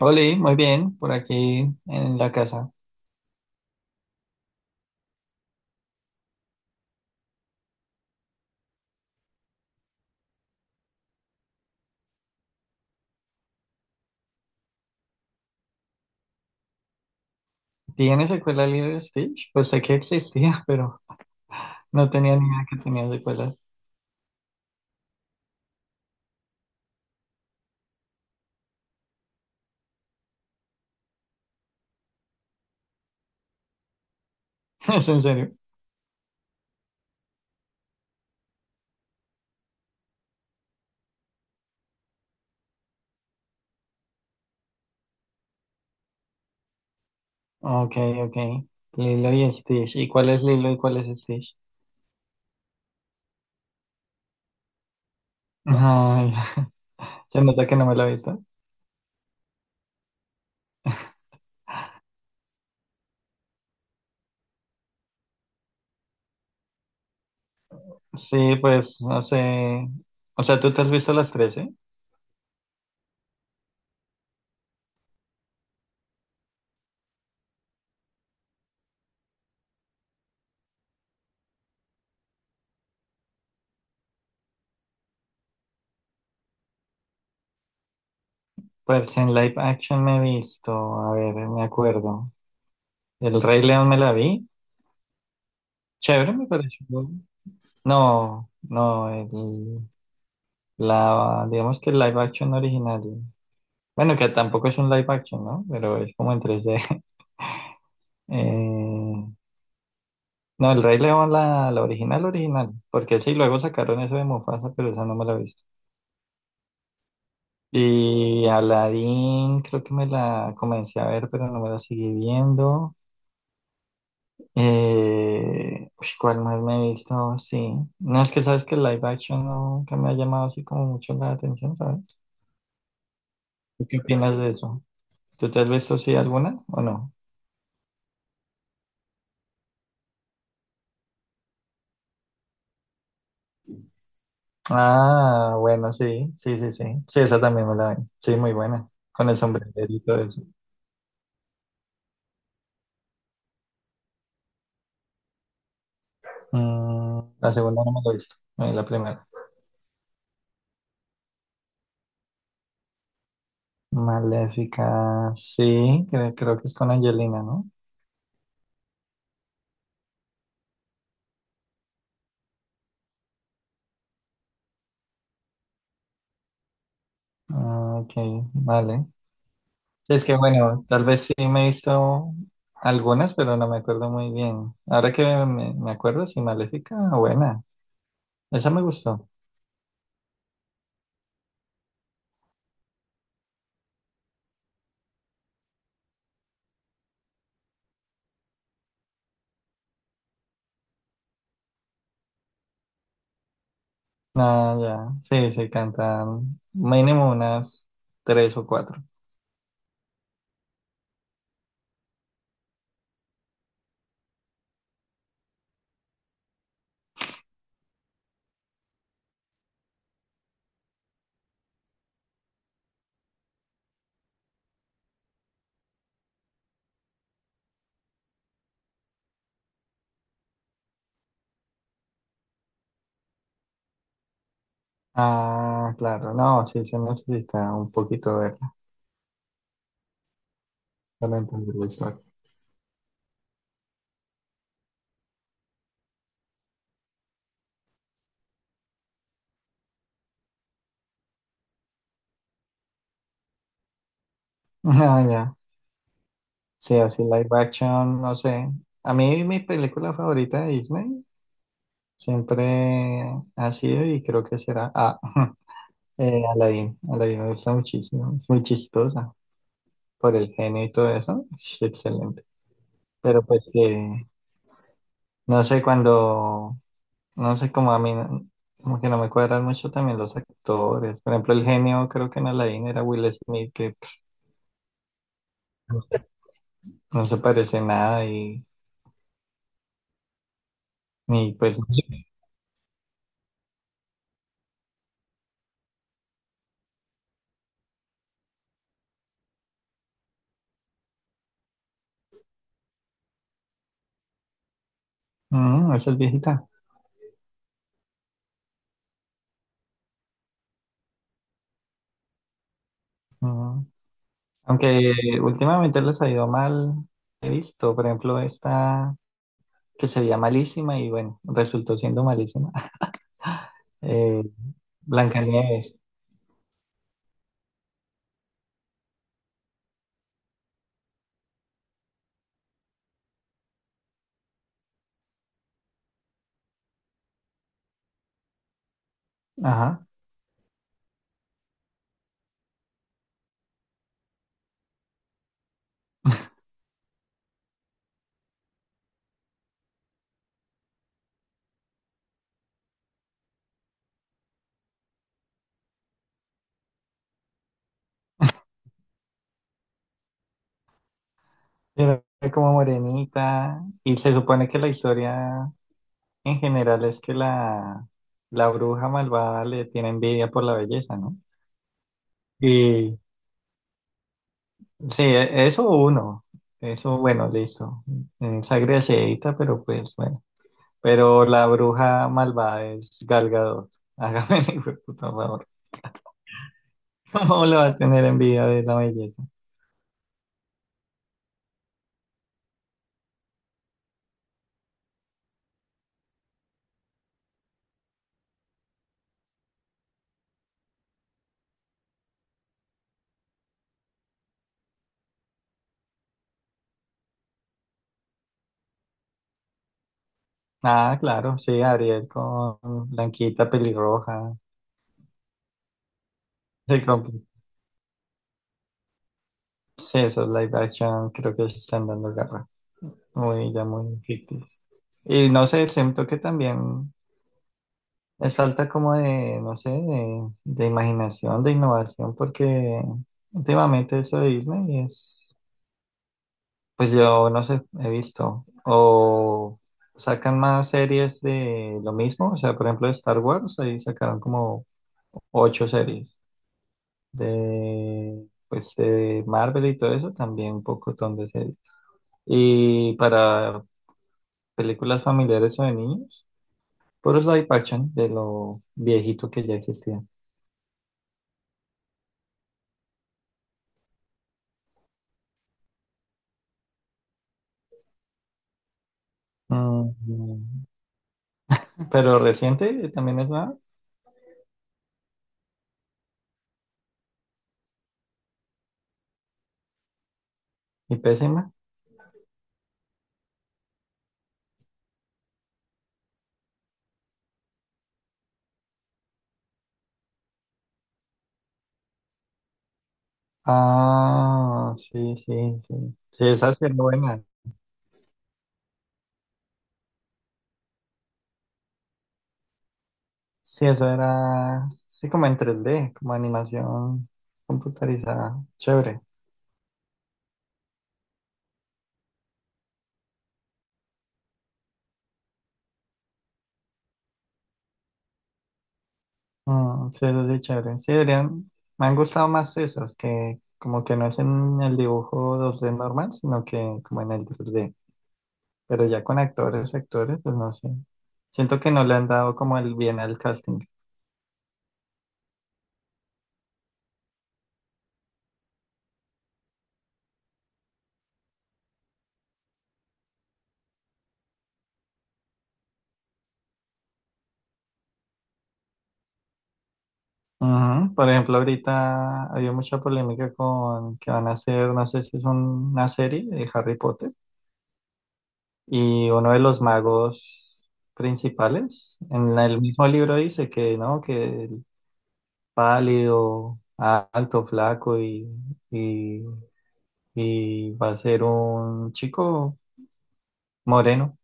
Oli, muy bien, por aquí en la casa. ¿Tiene secuela Lilo y Stitch? Pues sé que existía, pero no tenía ni idea que tenía secuelas. ¿Es en serio? Ok, ok. Lilo y Stitch. ¿Y cuál es Lilo y cuál es Stitch? Ay, se nota que no me lo he visto. Sí, pues no sé. O sea, ¿tú te has visto las 13? Pues en live action me he visto. A ver, me acuerdo. El Rey León me la vi. Chévere, me pareció. No, no, la, digamos que el live action original. Bueno, que tampoco es un live action, ¿no? Pero es como en tres d. Eh, no, el Rey León, la original, original. Porque sí, luego sacaron eso de Mufasa, pero esa no me la he visto. Y Aladdin, creo que me la comencé a ver, pero no me la seguí viendo. Uy, ¿cuál más me he visto? Sí. No, es que sabes que el live action no, nunca me ha llamado así como mucho la atención, ¿sabes? ¿Tú qué opinas de eso? ¿Tú te has visto sí alguna o no? Ah, bueno, sí, sí, sí, sí. Sí, esa también me la vi. Sí, muy buena. Con el sombrerito y todo eso. Mm, la segunda no me la he visto. La primera. Maléfica, sí, creo, creo que es con Angelina, ¿no? Ah, ok, vale. Es que bueno, tal vez sí me he visto algunas, pero no me acuerdo muy bien. Ahora que me acuerdo, sí, Maléfica, buena. Esa me gustó. Ah, ya. Sí, sí, cantan mínimo unas tres o cuatro. Ah, claro, no, sí, se necesita un poquito de para entender la historia. Ah, ya. Sí, así live action, no sé. A mí mi película favorita de Disney siempre ha sido y creo que será ah, Aladdin. Aladdin me gusta muchísimo, es muy chistosa por el genio y todo eso, es excelente. Pero pues que, no sé, cuando, no sé, como a mí, no, como que no me cuadran mucho también los actores. Por ejemplo, el genio creo que en Aladdin era Will Smith, que no se parece en nada y, ni pues, no, sé. Mm, esa es viejita. Mm. Aunque últimamente les ha ido mal, he visto, por ejemplo, esta que se veía malísima y bueno, resultó siendo malísima. Eh, Blancanieves, ajá, era como morenita y se supone que la historia en general es que la bruja malvada le tiene envidia por la belleza, ¿no? Y sí, e- eso uno. Eso, bueno, listo. Mm, Sangre Asheita, pero pues bueno. Pero la bruja malvada es Gal Gadot. Hágame el hijo hijueputa favor. ¿Cómo le va a tener envidia de la belleza? Ah, claro, sí, Ariel con Blanquita pelirroja. Sí, con, sí, esos live action creo que se están dando garra. Muy, ya muy ficticios. Y no sé, siento que también. Es falta como de, no sé, de imaginación, de innovación, porque últimamente eso de Disney es, pues yo no sé, he visto, o sacan más series de lo mismo, o sea, por ejemplo, de Star Wars, ahí sacaron como ocho series, de, pues de Marvel y todo eso, también un pocotón de series. Y para películas familiares o de niños, puros live action de lo viejito que ya existía. Mm, pero reciente también es nueva y pésima. Ah, sí, sí, sí. Sí, esa sí era buena. Sí, eso era, sí, como en 3D, como animación computarizada. Chévere. Mm, sí, eso sí, chévere. Sí, deberían, me han gustado más esas, que como que no es en el dibujo 2D normal, sino que como en el 3D. Pero ya con actores, actores, pues no sé. Siento que no le han dado como el bien al casting. Ujú. Por ejemplo, ahorita había mucha polémica con que van a hacer, no sé si es una serie de Harry Potter, y uno de los magos principales, en la, el mismo libro dice que, ¿no? Que el pálido, a- alto, flaco y, y va a ser un chico moreno,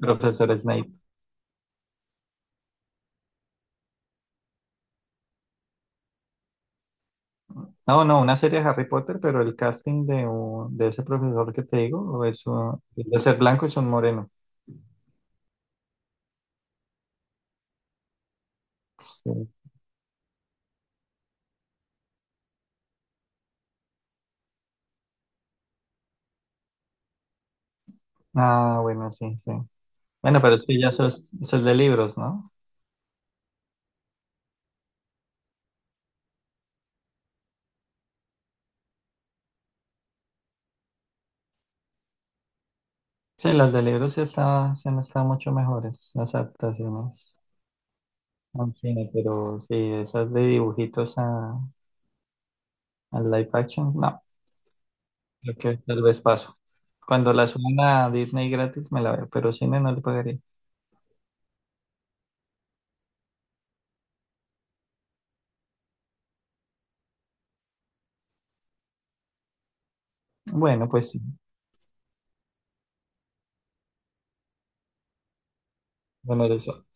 profesor Snape. No, no, una serie de Harry Potter, pero el casting de, un, de ese profesor que te digo es un, es de ser blanco y son moreno. Ah, bueno, sí, sí. Bueno, pero sí, ya sos, sos de libros, ¿no? Sí, las de libros sí está, sí han estado mucho mejores, las adaptaciones al cine, pero sí, esas de dibujitos a live action, no, creo que tal vez paso. Cuando las suban a Disney gratis me la veo, pero cine no le pagaría. Bueno, pues sí, bueno, eso.